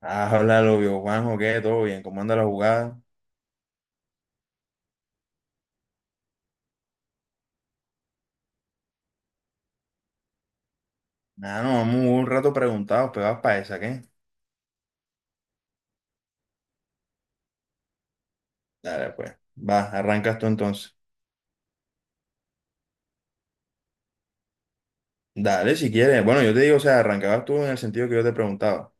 Ah, hola, lo vio Juanjo, ¿qué? ¿Todo bien? ¿Cómo anda la jugada? Ah, no, vamos un rato preguntados, pegados para esa, ¿qué? Dale, pues. Va, arrancas tú entonces. Dale, si quieres. Bueno, yo te digo, o sea, arrancabas tú en el sentido que yo te preguntaba.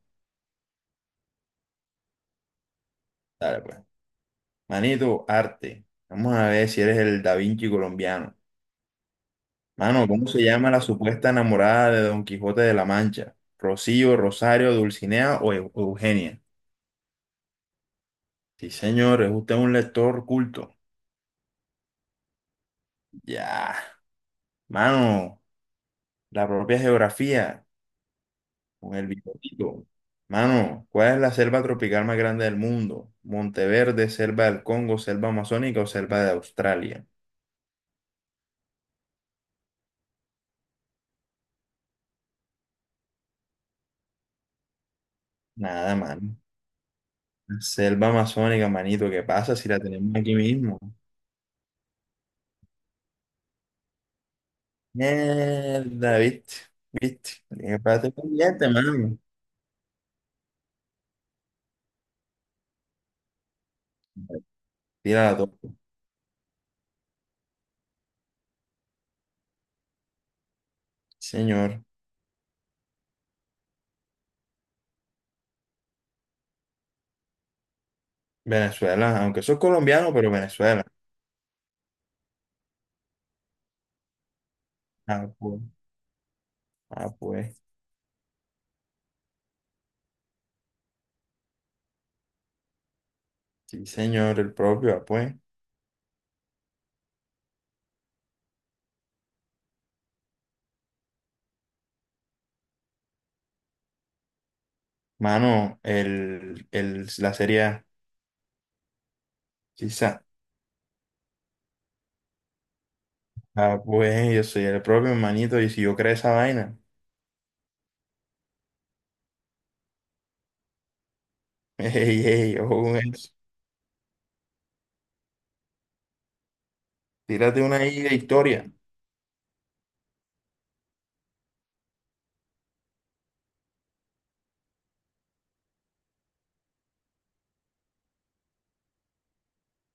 Dale, pues. Manito, arte. Vamos a ver si eres el Da Vinci colombiano. Mano, ¿cómo se llama la supuesta enamorada de Don Quijote de la Mancha? ¿Rocío, Rosario, Dulcinea o Eugenia? Sí, señor, es usted un lector culto. Ya. Mano, la propia geografía. Con el bigotito. Mano, ¿cuál es la selva tropical más grande del mundo? ¿Monteverde, selva del Congo, selva amazónica o selva de Australia? Nada, mano. Selva amazónica, manito, ¿qué pasa si la tenemos aquí mismo? Mierda, viste, viste. Tienes que pararte pendiente, mano. Tira la topa. Señor. Venezuela, aunque soy colombiano, pero Venezuela. Ah, pues. Ah, pues. Sí, señor, el propio, ah, pues. Mano, la serie A. Sí, ah, pues yo soy el propio hermanito y si yo creo esa vaina. Ey, ey, ojo con eso. Tírate una ahí de historia,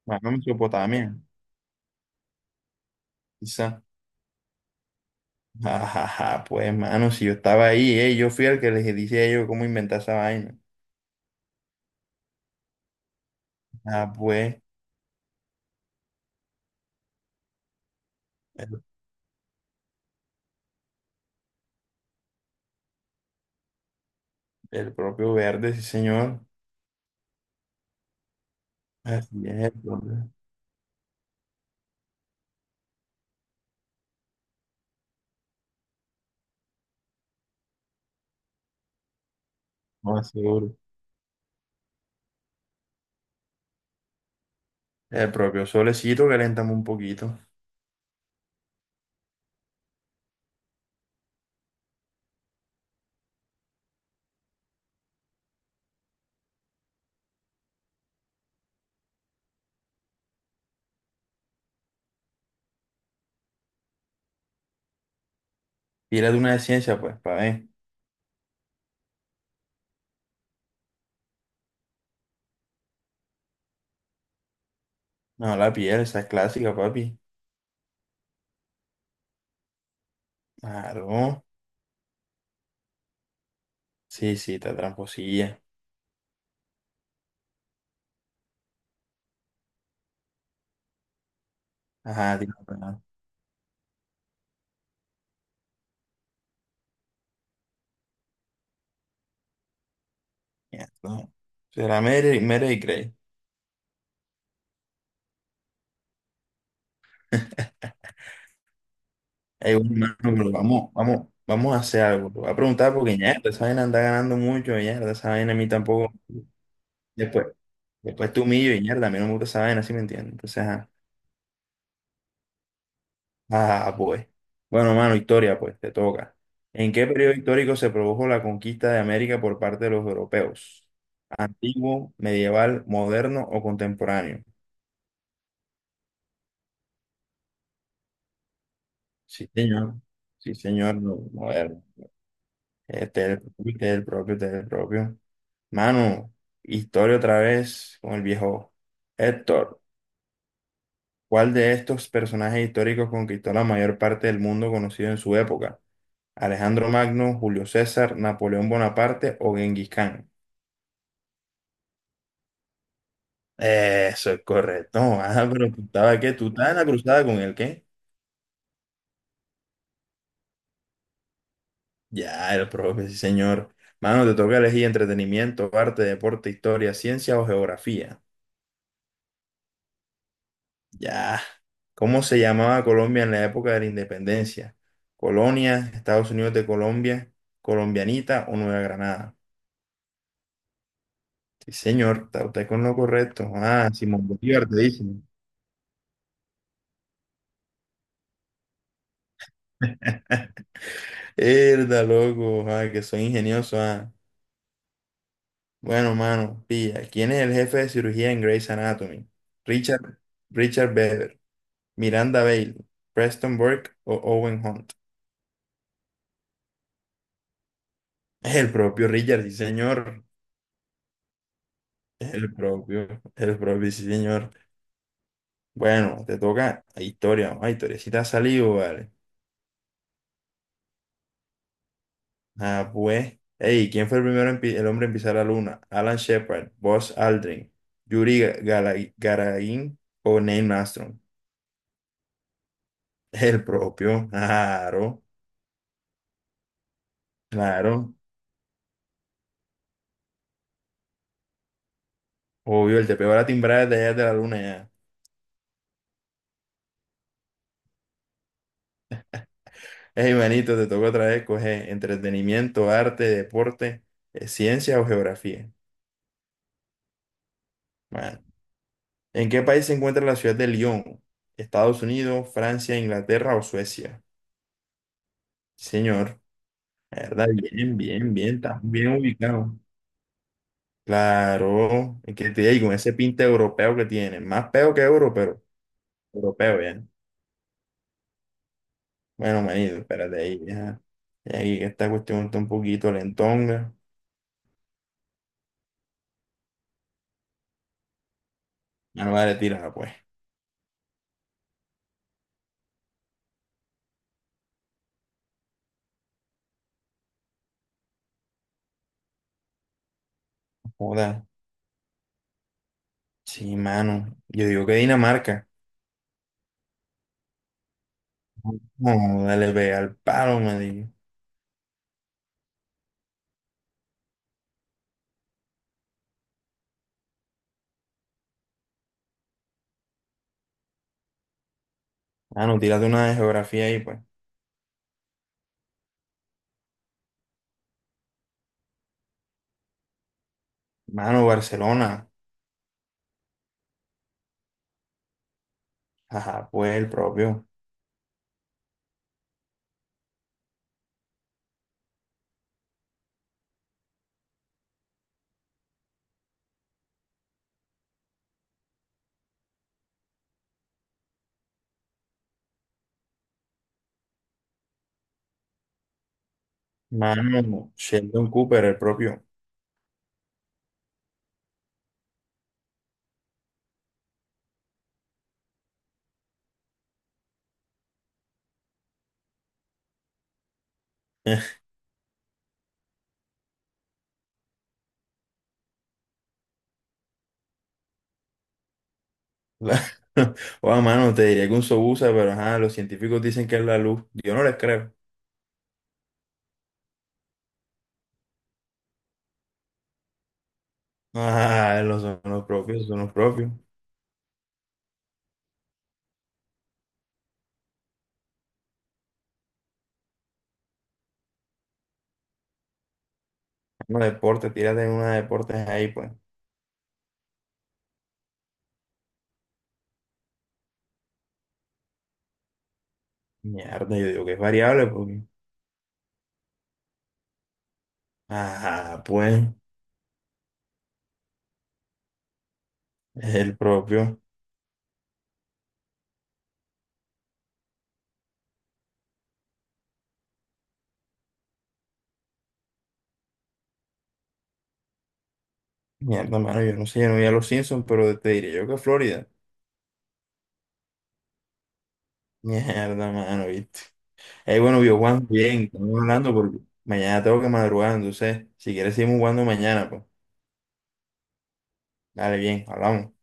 mano. Mesopotamia, quizá. Ajá, pues mano, si yo estaba ahí, ey, yo fui el que les dije a ellos cómo inventar esa vaina. Ah, pues, el, el propio verde, sí señor. Así es, el propio, no, más seguro. El propio solecito, caléntame un poquito. Tírate una de ciencia, pues, para ver. No, la piel, esa es clásica, papi. Claro, sí, sí, está tramposilla. Ajá, tiene una mierda. Será Mary, Mary y Gray. Ey, bueno, hermano, pero vamos, vamos, vamos a hacer algo. Te voy a preguntar porque mierda, esa vaina anda ganando mucho, mierda, esa vaina a mí tampoco. Después, después tú humillo y mierda, a mí no me gusta esa vaina, ¿sí me entiendes? Entonces, ajá. Ah, pues. Bueno, mano, historia, pues, te toca. ¿En qué periodo histórico se produjo la conquista de América por parte de los europeos? ¿Antiguo, medieval, moderno o contemporáneo? Sí, señor. Sí, señor, no, moderno. Este es el, este propio, este propio. Mano, historia otra vez con el viejo Héctor. ¿Cuál de estos personajes históricos conquistó la mayor parte del mundo conocido en su época? ¿Alejandro Magno, Julio César, Napoleón Bonaparte o Genghis Khan? Eso es correcto. Ah, pero tú estabas, ¿qué? ¿Tú estabas en la cruzada con el qué? Ya, el propio, sí, señor. Mano, te toca elegir entretenimiento, arte, deporte, historia, ciencia o geografía. Ya. ¿Cómo se llamaba Colombia en la época de la independencia? Colonia, Estados Unidos de Colombia, Colombianita o Nueva Granada. Sí, señor, está usted con lo correcto. Ah, Simón Bolívar te dice. Herda, loco, ah, que soy ingenioso. Ah. Bueno, mano, pilla. ¿Quién es el jefe de cirugía en Grey's Anatomy? Richard, Richard Bever, Miranda Bailey, Preston Burke o Owen Hunt. El propio Richard, sí, señor. El propio, el propio, sí, señor. Bueno, te toca a historia, vamos a historia. Si te ha salido, vale. Ah, pues. Ey, ¿quién fue el primero en el hombre en pisar la luna? Alan Shepard, Buzz Aldrin, Gagarin o Neil Armstrong. El propio, claro, claro. Obvio, el te pegó la timbrada desde allá de la luna ya. Ey, manito, te toca otra vez coger entretenimiento, arte, deporte, ciencia o geografía. Bueno, ¿en qué país se encuentra la ciudad de Lyon? ¿Estados Unidos, Francia, Inglaterra o Suecia? Señor, la verdad, bien, bien, bien, estás bien ubicado. Claro, es que te digo, con ese pinte europeo que tiene, más peo que euro, pero europeo, bien. Bueno, manito, espérate ahí, ya. Ya aquí que esta cuestión está un poquito lentonga. Ya no vale, tírala, pues. Joda. Sí, mano. Yo digo que Dinamarca. No, dale, ve al palo, me digo. Mano, tírate una de geografía ahí, pues. Mano, Barcelona. Ajá, pues el propio. Mano, Sheldon Cooper, el propio. La- O a mano, te diría que un sobusa, pero ajá, los científicos dicen que es la luz. Yo no les creo. Ah, los son los propios, son los propios. Una deporte, tírate en una deportes ahí, pues. Mierda, yo digo que es variable, porque. Ajá, pues, es el propio. Mierda, mano, yo no sé, yo no vi a los Simpsons, pero te diría yo que Florida. Mierda, mano, viste. Bueno, vio Juan, bien, estamos hablando porque mañana tengo que madrugar, entonces, si quieres seguimos jugando mañana, pues. Dale, bien, hablamos.